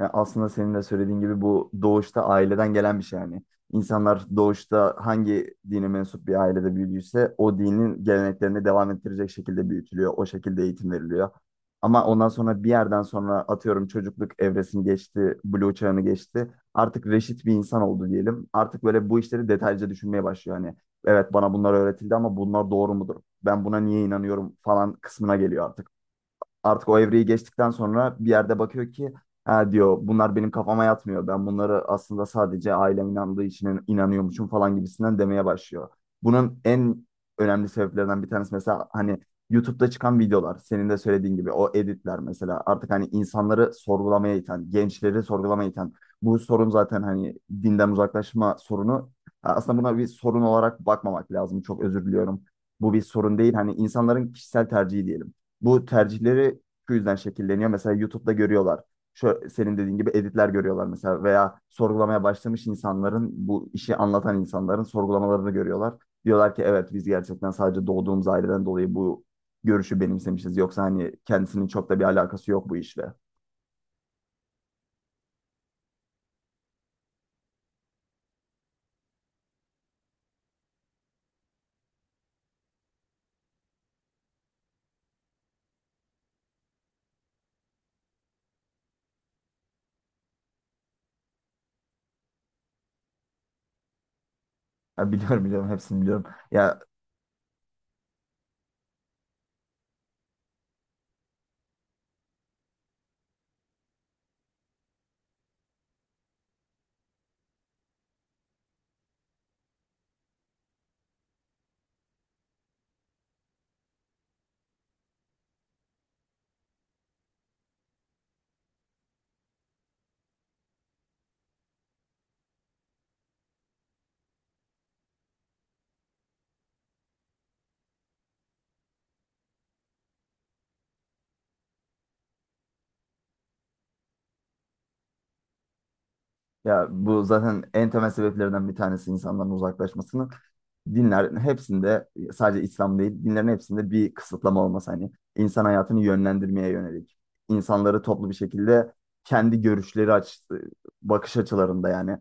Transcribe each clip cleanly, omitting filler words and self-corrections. Ya aslında senin de söylediğin gibi bu doğuşta aileden gelen bir şey yani. İnsanlar doğuşta hangi dine mensup bir ailede büyüdüyse o dinin geleneklerini devam ettirecek şekilde büyütülüyor. O şekilde eğitim veriliyor. Ama ondan sonra bir yerden sonra atıyorum çocukluk evresini geçti, buluğ çağını geçti. Artık reşit bir insan oldu diyelim. Artık böyle bu işleri detaylıca düşünmeye başlıyor. Hani evet bana bunlar öğretildi ama bunlar doğru mudur? Ben buna niye inanıyorum falan kısmına geliyor artık o evreyi geçtikten sonra bir yerde bakıyor ki ha diyor bunlar benim kafama yatmıyor. Ben bunları aslında sadece ailem inandığı için inanıyormuşum falan gibisinden demeye başlıyor. Bunun en önemli sebeplerinden bir tanesi mesela hani YouTube'da çıkan videolar senin de söylediğin gibi o editler mesela artık hani insanları sorgulamaya iten, gençleri sorgulamaya iten bu sorun zaten hani dinden uzaklaşma sorunu aslında buna bir sorun olarak bakmamak lazım. Çok özür diliyorum. Bu bir sorun değil. Hani insanların kişisel tercihi diyelim. Bu tercihleri şu yüzden şekilleniyor. Mesela YouTube'da görüyorlar. Şu, senin dediğin gibi editler görüyorlar mesela veya sorgulamaya başlamış insanların bu işi anlatan insanların sorgulamalarını görüyorlar. Diyorlar ki evet biz gerçekten sadece doğduğumuz aileden dolayı bu görüşü benimsemişiz. Yoksa hani kendisinin çok da bir alakası yok bu işle. Ya biliyorum, biliyorum, hepsini biliyorum. Ya. Ya, bu zaten en temel sebeplerden bir tanesi insanların uzaklaşmasının. Dinler hepsinde sadece İslam değil, dinlerin hepsinde bir kısıtlama olması hani insan hayatını yönlendirmeye yönelik. İnsanları toplu bir şekilde kendi görüşleri bakış açılarında yani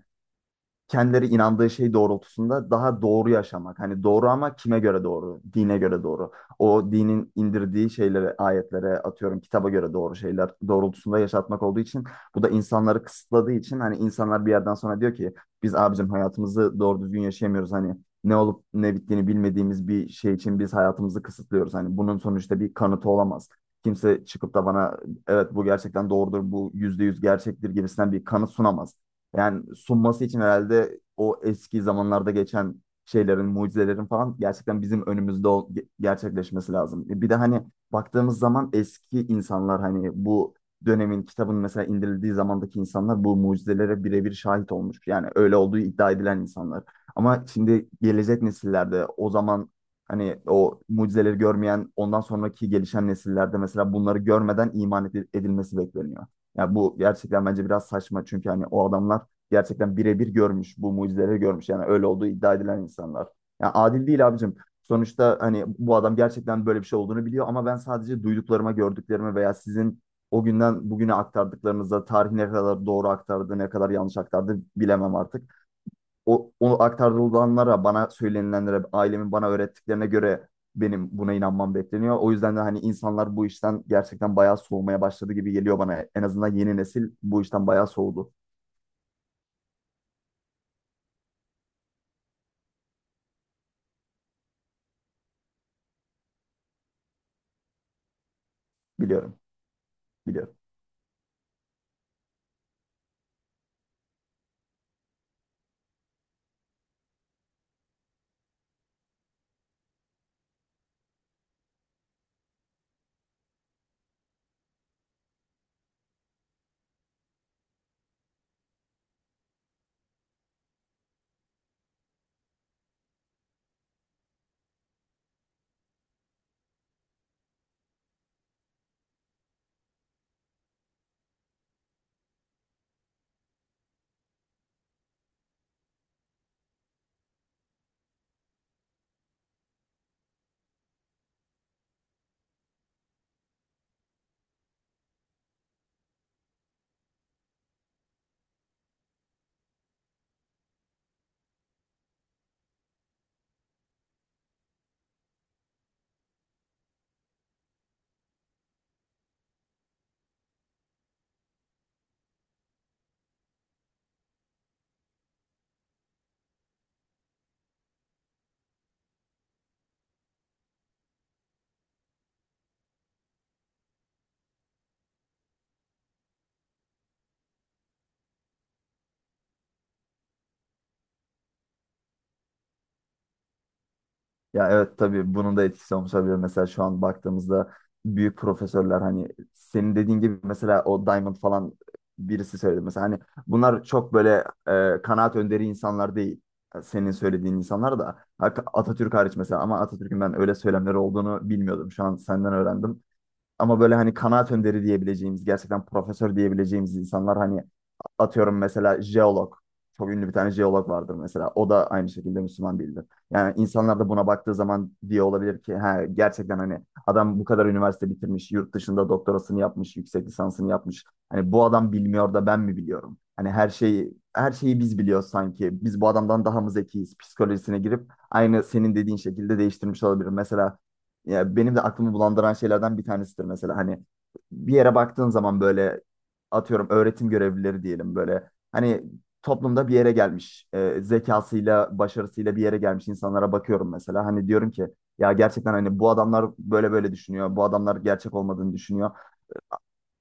kendileri inandığı şey doğrultusunda daha doğru yaşamak. Hani doğru ama kime göre doğru? Dine göre doğru. O dinin indirdiği şeylere, ayetlere atıyorum kitaba göre doğru şeyler doğrultusunda yaşatmak olduğu için bu da insanları kısıtladığı için hani insanlar bir yerden sonra diyor ki biz abicim hayatımızı doğru düzgün yaşayamıyoruz. Hani ne olup ne bittiğini bilmediğimiz bir şey için biz hayatımızı kısıtlıyoruz. Hani bunun sonuçta bir kanıtı olamaz. Kimse çıkıp da bana evet bu gerçekten doğrudur, bu yüzde yüz gerçektir gibisinden bir kanıt sunamaz. Yani sunması için herhalde o eski zamanlarda geçen şeylerin, mucizelerin falan gerçekten bizim önümüzde gerçekleşmesi lazım. Bir de hani baktığımız zaman eski insanlar hani bu dönemin kitabın mesela indirildiği zamandaki insanlar bu mucizelere birebir şahit olmuş. Yani öyle olduğu iddia edilen insanlar. Ama şimdi gelecek nesillerde o zaman hani o mucizeleri görmeyen ondan sonraki gelişen nesillerde mesela bunları görmeden iman edilmesi bekleniyor. Ya bu gerçekten bence biraz saçma çünkü hani o adamlar gerçekten birebir görmüş, bu mucizeleri görmüş. Yani öyle olduğu iddia edilen insanlar. Yani adil değil abicim. Sonuçta hani bu adam gerçekten böyle bir şey olduğunu biliyor ama ben sadece duyduklarıma, gördüklerime veya sizin o günden bugüne aktardıklarınıza tarih ne kadar doğru aktardı, ne kadar yanlış aktardı bilemem artık. O aktarılanlara, bana söylenilenlere, ailemin bana öğrettiklerine göre benim buna inanmam bekleniyor. O yüzden de hani insanlar bu işten gerçekten bayağı soğumaya başladı gibi geliyor bana. En azından yeni nesil bu işten bayağı soğudu. Biliyorum, biliyorum. Ya evet tabii bunun da etkisi olmuş olabilir. Mesela şu an baktığımızda büyük profesörler hani senin dediğin gibi mesela o Diamond falan birisi söyledi. Mesela hani bunlar çok böyle kanaat önderi insanlar değil. Senin söylediğin insanlar da Atatürk hariç mesela ama Atatürk'ün ben öyle söylemleri olduğunu bilmiyordum. Şu an senden öğrendim. Ama böyle hani kanaat önderi diyebileceğimiz, gerçekten profesör diyebileceğimiz insanlar hani atıyorum mesela jeolog. Çok ünlü bir tane jeolog vardır mesela. O da aynı şekilde Müslüman değildir. Yani insanlar da buna baktığı zaman diye olabilir ki ha, gerçekten hani adam bu kadar üniversite bitirmiş, yurt dışında doktorasını yapmış, yüksek lisansını yapmış. Hani bu adam bilmiyor da ben mi biliyorum? Hani her şeyi her şeyi biz biliyoruz sanki. Biz bu adamdan daha mı zekiyiz? Psikolojisine girip aynı senin dediğin şekilde değiştirmiş olabilir. Mesela ya benim de aklımı bulandıran şeylerden bir tanesidir mesela. Hani bir yere baktığın zaman böyle atıyorum öğretim görevlileri diyelim böyle. Hani toplumda bir yere gelmiş, zekasıyla, başarısıyla bir yere gelmiş insanlara bakıyorum mesela. Hani diyorum ki ya gerçekten hani bu adamlar böyle böyle düşünüyor. Bu adamlar gerçek olmadığını düşünüyor.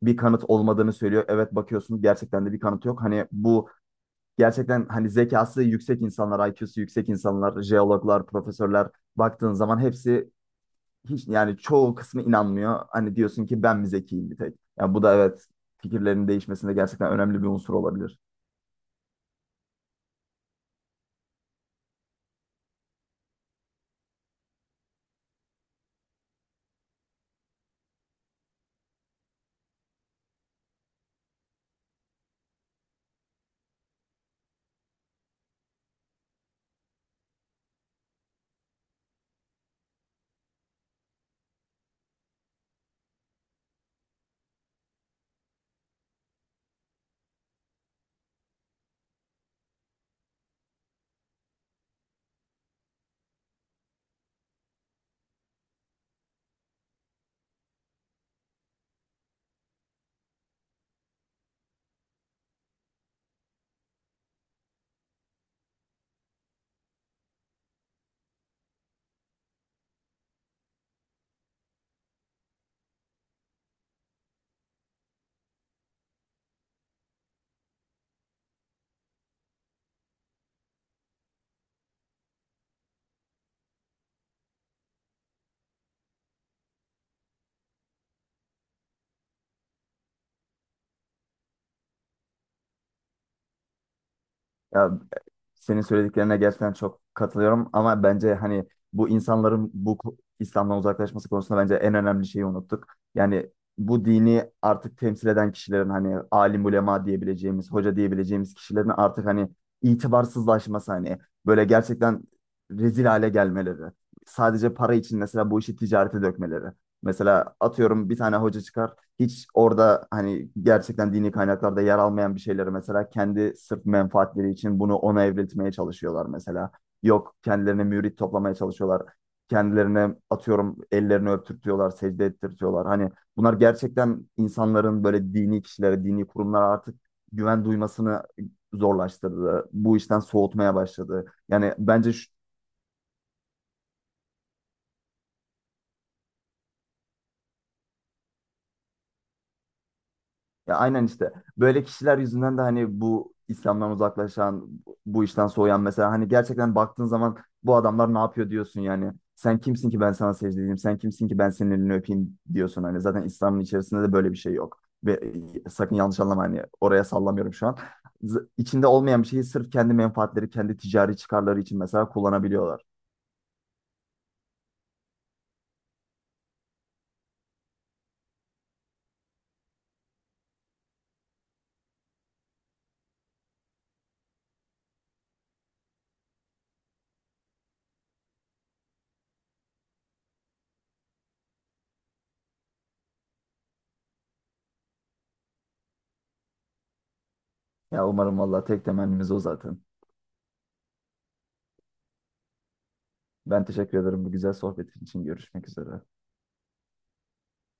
Bir kanıt olmadığını söylüyor. Evet bakıyorsun gerçekten de bir kanıt yok. Hani bu gerçekten hani zekası yüksek insanlar, IQ'su yüksek insanlar, jeologlar, profesörler baktığın zaman hepsi hiç yani çoğu kısmı inanmıyor. Hani diyorsun ki ben mi zekiyim bir tek? Yani bu da evet fikirlerin değişmesinde gerçekten önemli bir unsur olabilir. Ya senin söylediklerine gerçekten çok katılıyorum ama bence hani bu insanların bu İslam'dan uzaklaşması konusunda bence en önemli şeyi unuttuk. Yani bu dini artık temsil eden kişilerin hani alim ulema diyebileceğimiz, hoca diyebileceğimiz kişilerin artık hani itibarsızlaşması hani böyle gerçekten rezil hale gelmeleri. Sadece para için mesela bu işi ticarete dökmeleri. Mesela atıyorum bir tane hoca çıkar hiç orada hani gerçekten dini kaynaklarda yer almayan bir şeyleri mesela kendi sırf menfaatleri için bunu ona evriltmeye çalışıyorlar mesela. Yok kendilerine mürit toplamaya çalışıyorlar. Kendilerine atıyorum ellerini öptürtüyorlar, secde ettirtiyorlar. Hani bunlar gerçekten insanların böyle dini kişilere, dini kurumlara artık güven duymasını zorlaştırdı. Bu işten soğutmaya başladı. Yani bence Ya aynen işte böyle kişiler yüzünden de hani bu İslam'dan uzaklaşan, bu işten soğuyan mesela hani gerçekten baktığın zaman bu adamlar ne yapıyor diyorsun yani. Sen kimsin ki ben sana secde edeyim, sen kimsin ki ben senin elini öpeyim diyorsun hani. Zaten İslam'ın içerisinde de böyle bir şey yok. Ve sakın yanlış anlama hani oraya sallamıyorum şu an. İçinde olmayan bir şeyi sırf kendi menfaatleri, kendi ticari çıkarları için mesela kullanabiliyorlar. Ya umarım valla tek temennimiz o zaten. Ben teşekkür ederim bu güzel sohbet için. Görüşmek üzere.